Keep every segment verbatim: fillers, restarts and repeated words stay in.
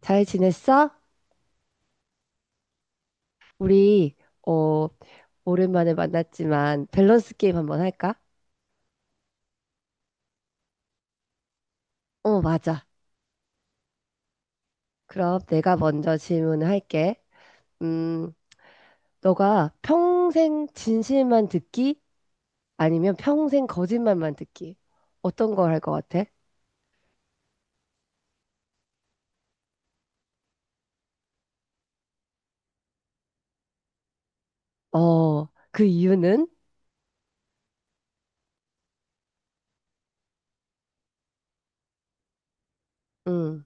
잘 지냈어? 우리, 어, 오랜만에 만났지만 밸런스 게임 한번 할까? 어, 맞아. 그럼 내가 먼저 질문을 할게. 음, 너가 평생 진실만 듣기? 아니면 평생 거짓말만 듣기? 어떤 걸 할 것 같아? 어, 그 이유는? 음,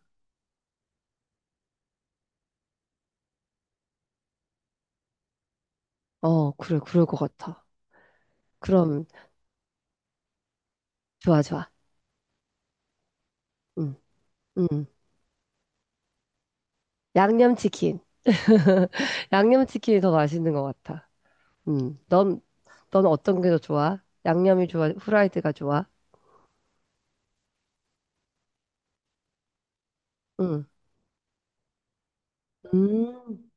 어, 그래, 그럴 것 같아. 그럼, 좋아, 좋아. 음, 음. 양념치킨. 양념치킨이 더 맛있는 것 같아. 음. 넌, 넌 어떤 게 더 좋아? 양념이 좋아? 후라이드가 좋아? 응. 음.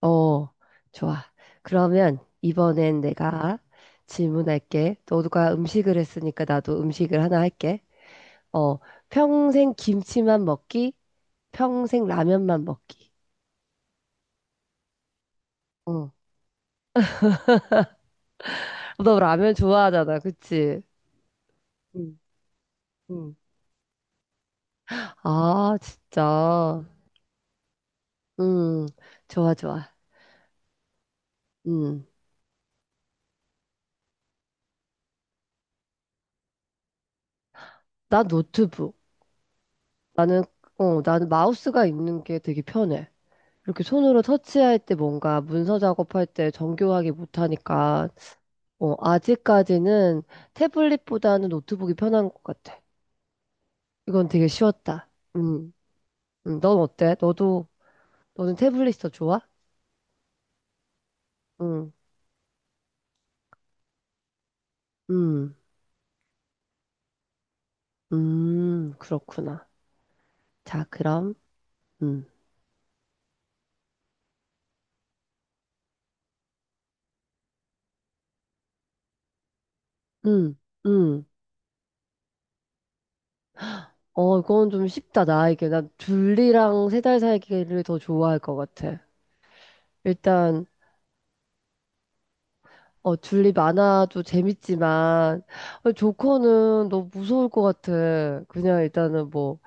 어, 좋아. 그러면 이번엔 내가 질문할게. 너가 음식을 했으니까 나도 음식을 하나 할게. 어, 평생 김치만 먹기, 평생 라면만 먹기. 어. 너 라면 좋아하잖아, 그치? 응, 응. 아, 진짜. 음, 좋아, 좋아. 음, 나 노트북. 나는, 어, 나는 마우스가 있는 게 되게 편해. 이렇게 손으로 터치할 때 뭔가 문서 작업할 때 정교하게 못하니까, 어, 아직까지는 태블릿보다는 노트북이 편한 것 같아. 이건 되게 쉬웠다. 음, 음, 넌 어때? 너도, 너는 태블릿이 더 좋아? 음, 음, 음, 그렇구나. 자, 그럼, 음, 음, 음. 어, 이건 좀 쉽다, 나에게. 난 둘리랑 세 달 살기를 더 좋아할 것 같아. 일단, 어, 줄리 만화도 재밌지만, 어, 조커는 너무 무서울 것 같아. 그냥 일단은 뭐,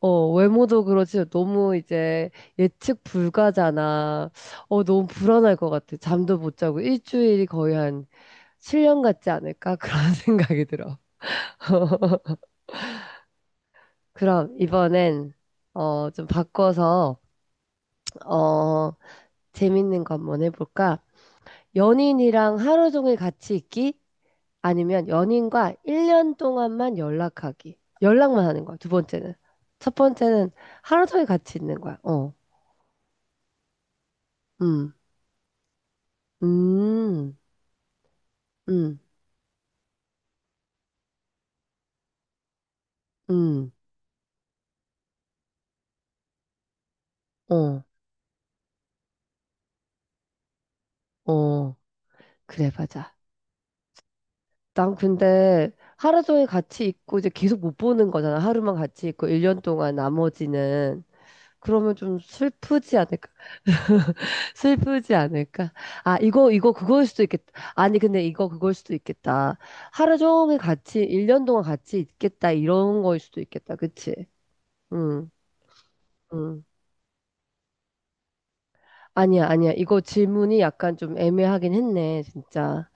어, 외모도 그렇지, 너무 이제 예측 불가잖아. 어, 너무 불안할 것 같아. 잠도 못 자고. 일주일이 거의 한 칠 년 같지 않을까? 그런 생각이 들어. 그럼 이번엔, 어, 좀 바꿔서, 어, 재밌는 거 한번 해볼까? 연인이랑 하루 종일 같이 있기? 아니면 연인과 일 년 동안만 연락하기. 연락만 하는 거야, 두 번째는. 첫 번째는 하루 종일 같이 있는 거야. 어, 음, 음, 음, 음, 어, 어. 그래, 맞아. 난 근데 하루 종일 같이 있고 이제 계속 못 보는 거잖아. 하루만 같이 있고 일 년 동안 나머지는. 그러면 좀 슬프지 않을까? 슬프지 않을까? 아, 이거, 이거, 그거일 수도 있겠다. 아니, 근데 이거, 그거일 수도 있겠다. 하루 종일 같이, 일 년 동안 같이 있겠다. 이런 거일 수도 있겠다. 그치? 응, 응. 아니야, 아니야. 이거 질문이 약간 좀 애매하긴 했네, 진짜.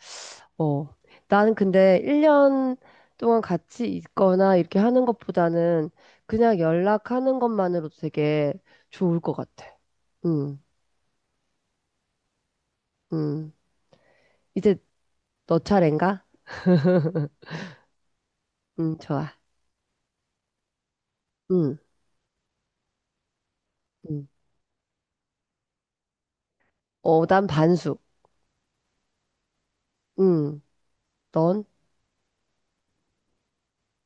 어. 나는 근데 일 년 동안 같이 있거나 이렇게 하는 것보다는 그냥 연락하는 것만으로도 되게 좋을 것 같아. 응, 응. 이제 너 차례인가? 응, 좋아. 응. 응. 어, 난 반숙. 응. 넌?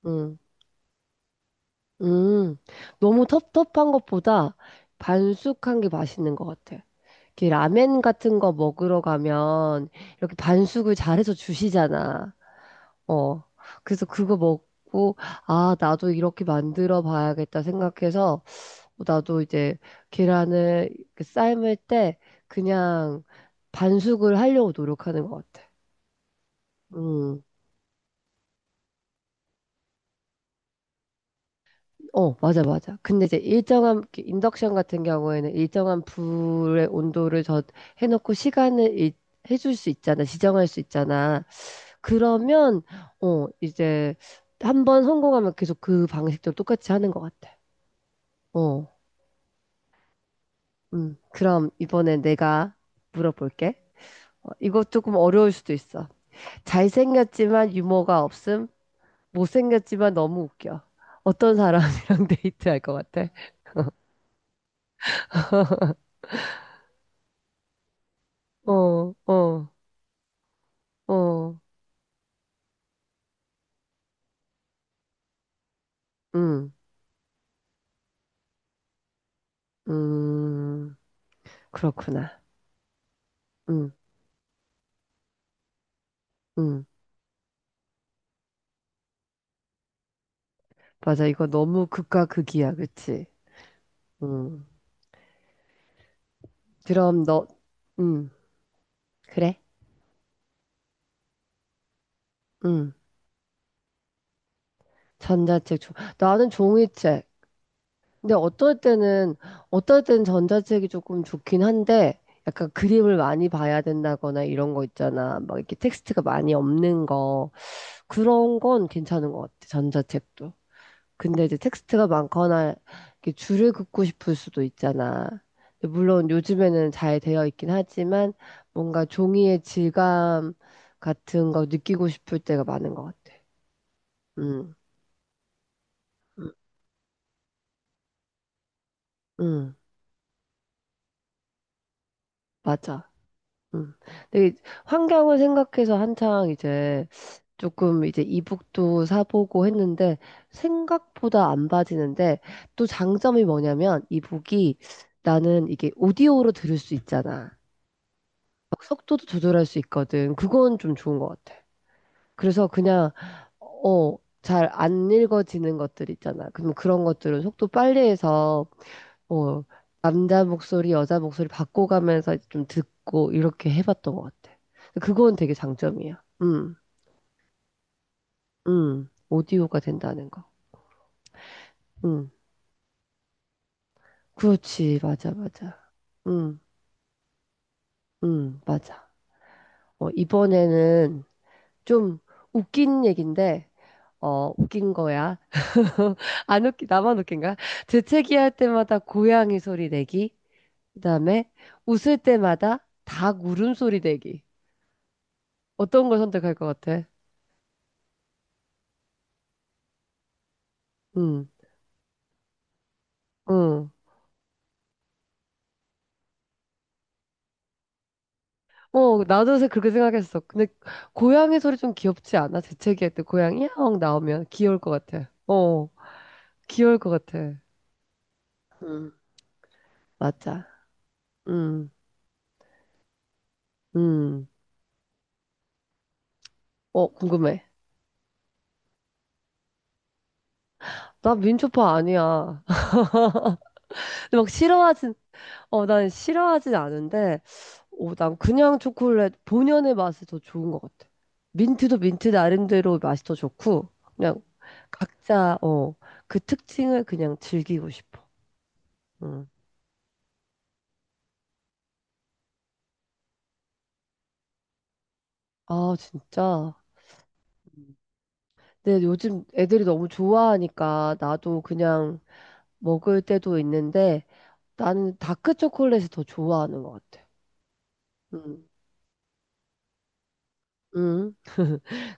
응. 음. 너무 텁텁한 것보다 반숙한 게 맛있는 것 같아. 이렇게 라멘 같은 거 먹으러 가면 이렇게 반숙을 잘해서 주시잖아. 어. 그래서 그거 먹고, 아, 나도 이렇게 만들어 봐야겠다 생각해서 어, 나도 이제 계란을 이렇게 삶을 때 그냥 반숙을 하려고 노력하는 것 같아. 응. 어, 맞아, 맞아. 근데 이제 일정한, 그 인덕션 같은 경우에는 일정한 불의 온도를 저 해놓고 시간을 일- 해줄 수 있잖아. 지정할 수 있잖아. 그러면, 어, 이제 한 번 성공하면 계속 그 방식대로 똑같이 하는 것 같아. 어, 음. 그럼 이번에 내가 물어볼게. 어, 이거 조금 어려울 수도 있어. 잘생겼지만 유머가 없음, 못생겼지만 너무 웃겨. 어떤 사람이랑 데이트할 것 같아? 어, 어, 어. 음, 음, 그렇구나. 음, 음. 맞아. 이거 너무 극과 극이야. 그치? 음. 그럼 너, 음, 그래? 음. 전자책 좋, 나는 종이책. 근데 어떨 때는, 어떨 땐 전자책이 조금 좋긴 한데, 약간 그림을 많이 봐야 된다거나 이런 거 있잖아. 막 이렇게 텍스트가 많이 없는 거. 그런 건 괜찮은 것 같아. 전자책도. 근데 이제 텍스트가 많거나 이렇게 줄을 긋고 싶을 수도 있잖아. 근데 물론 요즘에는 잘 되어 있긴 하지만 뭔가 종이의 질감 같은 거 느끼고 싶을 때가 많은 것 같아. 음, 음, 음, 맞아. 음. 근데 환경을 생각해서 한창 이제 조금 이제 이북도 사보고 했는데 생각보다 안 빠지는데 또 장점이 뭐냐면 이북이 나는 이게 오디오로 들을 수 있잖아. 막 속도도 조절할 수 있거든. 그건 좀 좋은 것 같아. 그래서 그냥, 어, 잘 안 읽어지는 것들 있잖아. 그럼 그런 것들은 속도 빨리 해서, 어, 남자 목소리, 여자 목소리 바꿔가면서 좀 듣고 이렇게 해봤던 것 같아. 그건 되게 장점이야. 음, 음, 오디오가 된다는 거. 음, 그렇지. 맞아, 맞아. 음, 음, 맞아. 어, 이번에는 좀 웃긴 얘긴데, 어, 웃긴 거야. 안 웃기, 나만 웃긴가? 재채기할 때마다 고양이 소리 내기. 그다음에 웃을 때마다 닭 울음소리 내기. 어떤 걸 선택할 것 같아? 응, 응. 어, 나도 요새 그렇게 생각했어. 근데 고양이 소리 좀 귀엽지 않아? 재채기할 때 고양이 야옹 나오면 귀여울 것 같아. 어, 귀여울 것 같아. 응, 맞아. 응, 응. 어, 궁금해. 나 민초파 아니야. 근데 막 싫어하진, 어, 난 싫어하진 않은데, 어, 난 그냥 초콜릿 본연의 맛이 더 좋은 것 같아. 민트도 민트 나름대로 맛이 더 좋고, 그냥 각자, 어, 그 특징을 그냥 즐기고 싶어. 응. 아, 진짜. 근데 요즘 애들이 너무 좋아하니까 나도 그냥 먹을 때도 있는데, 나는 다크 초콜릿을 더 좋아하는 것 같아. 응. 응.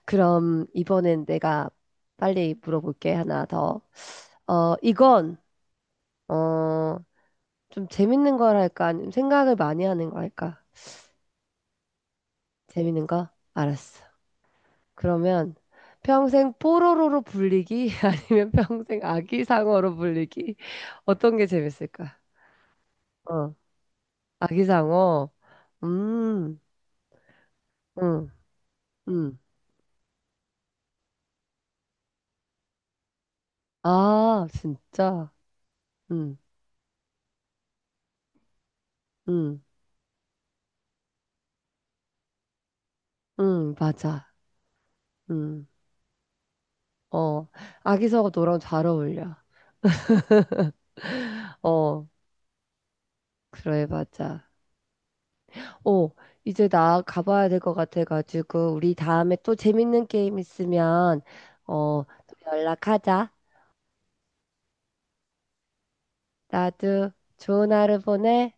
그럼 이번엔 내가 빨리 물어볼게, 하나 더. 어, 이건, 어, 좀 재밌는 걸 할까? 아니면 생각을 많이 하는 거 할까? 재밌는 거? 알았어. 그러면 평생 뽀로로로 불리기 아니면 평생 아기상어로 불리기 어떤 게 재밌을까? 어, 아기상어. 음, 음, 음. 아, 진짜. 음, 음, 음, 맞아. 음, 어, 아기상어 너랑 잘 어울려. 어, 그래, 맞아. 어, 이제 나 가봐야 될 것 같아가지고, 우리 다음에 또 재밌는 게임 있으면, 어, 또 연락하자. 나도 좋은 하루 보내.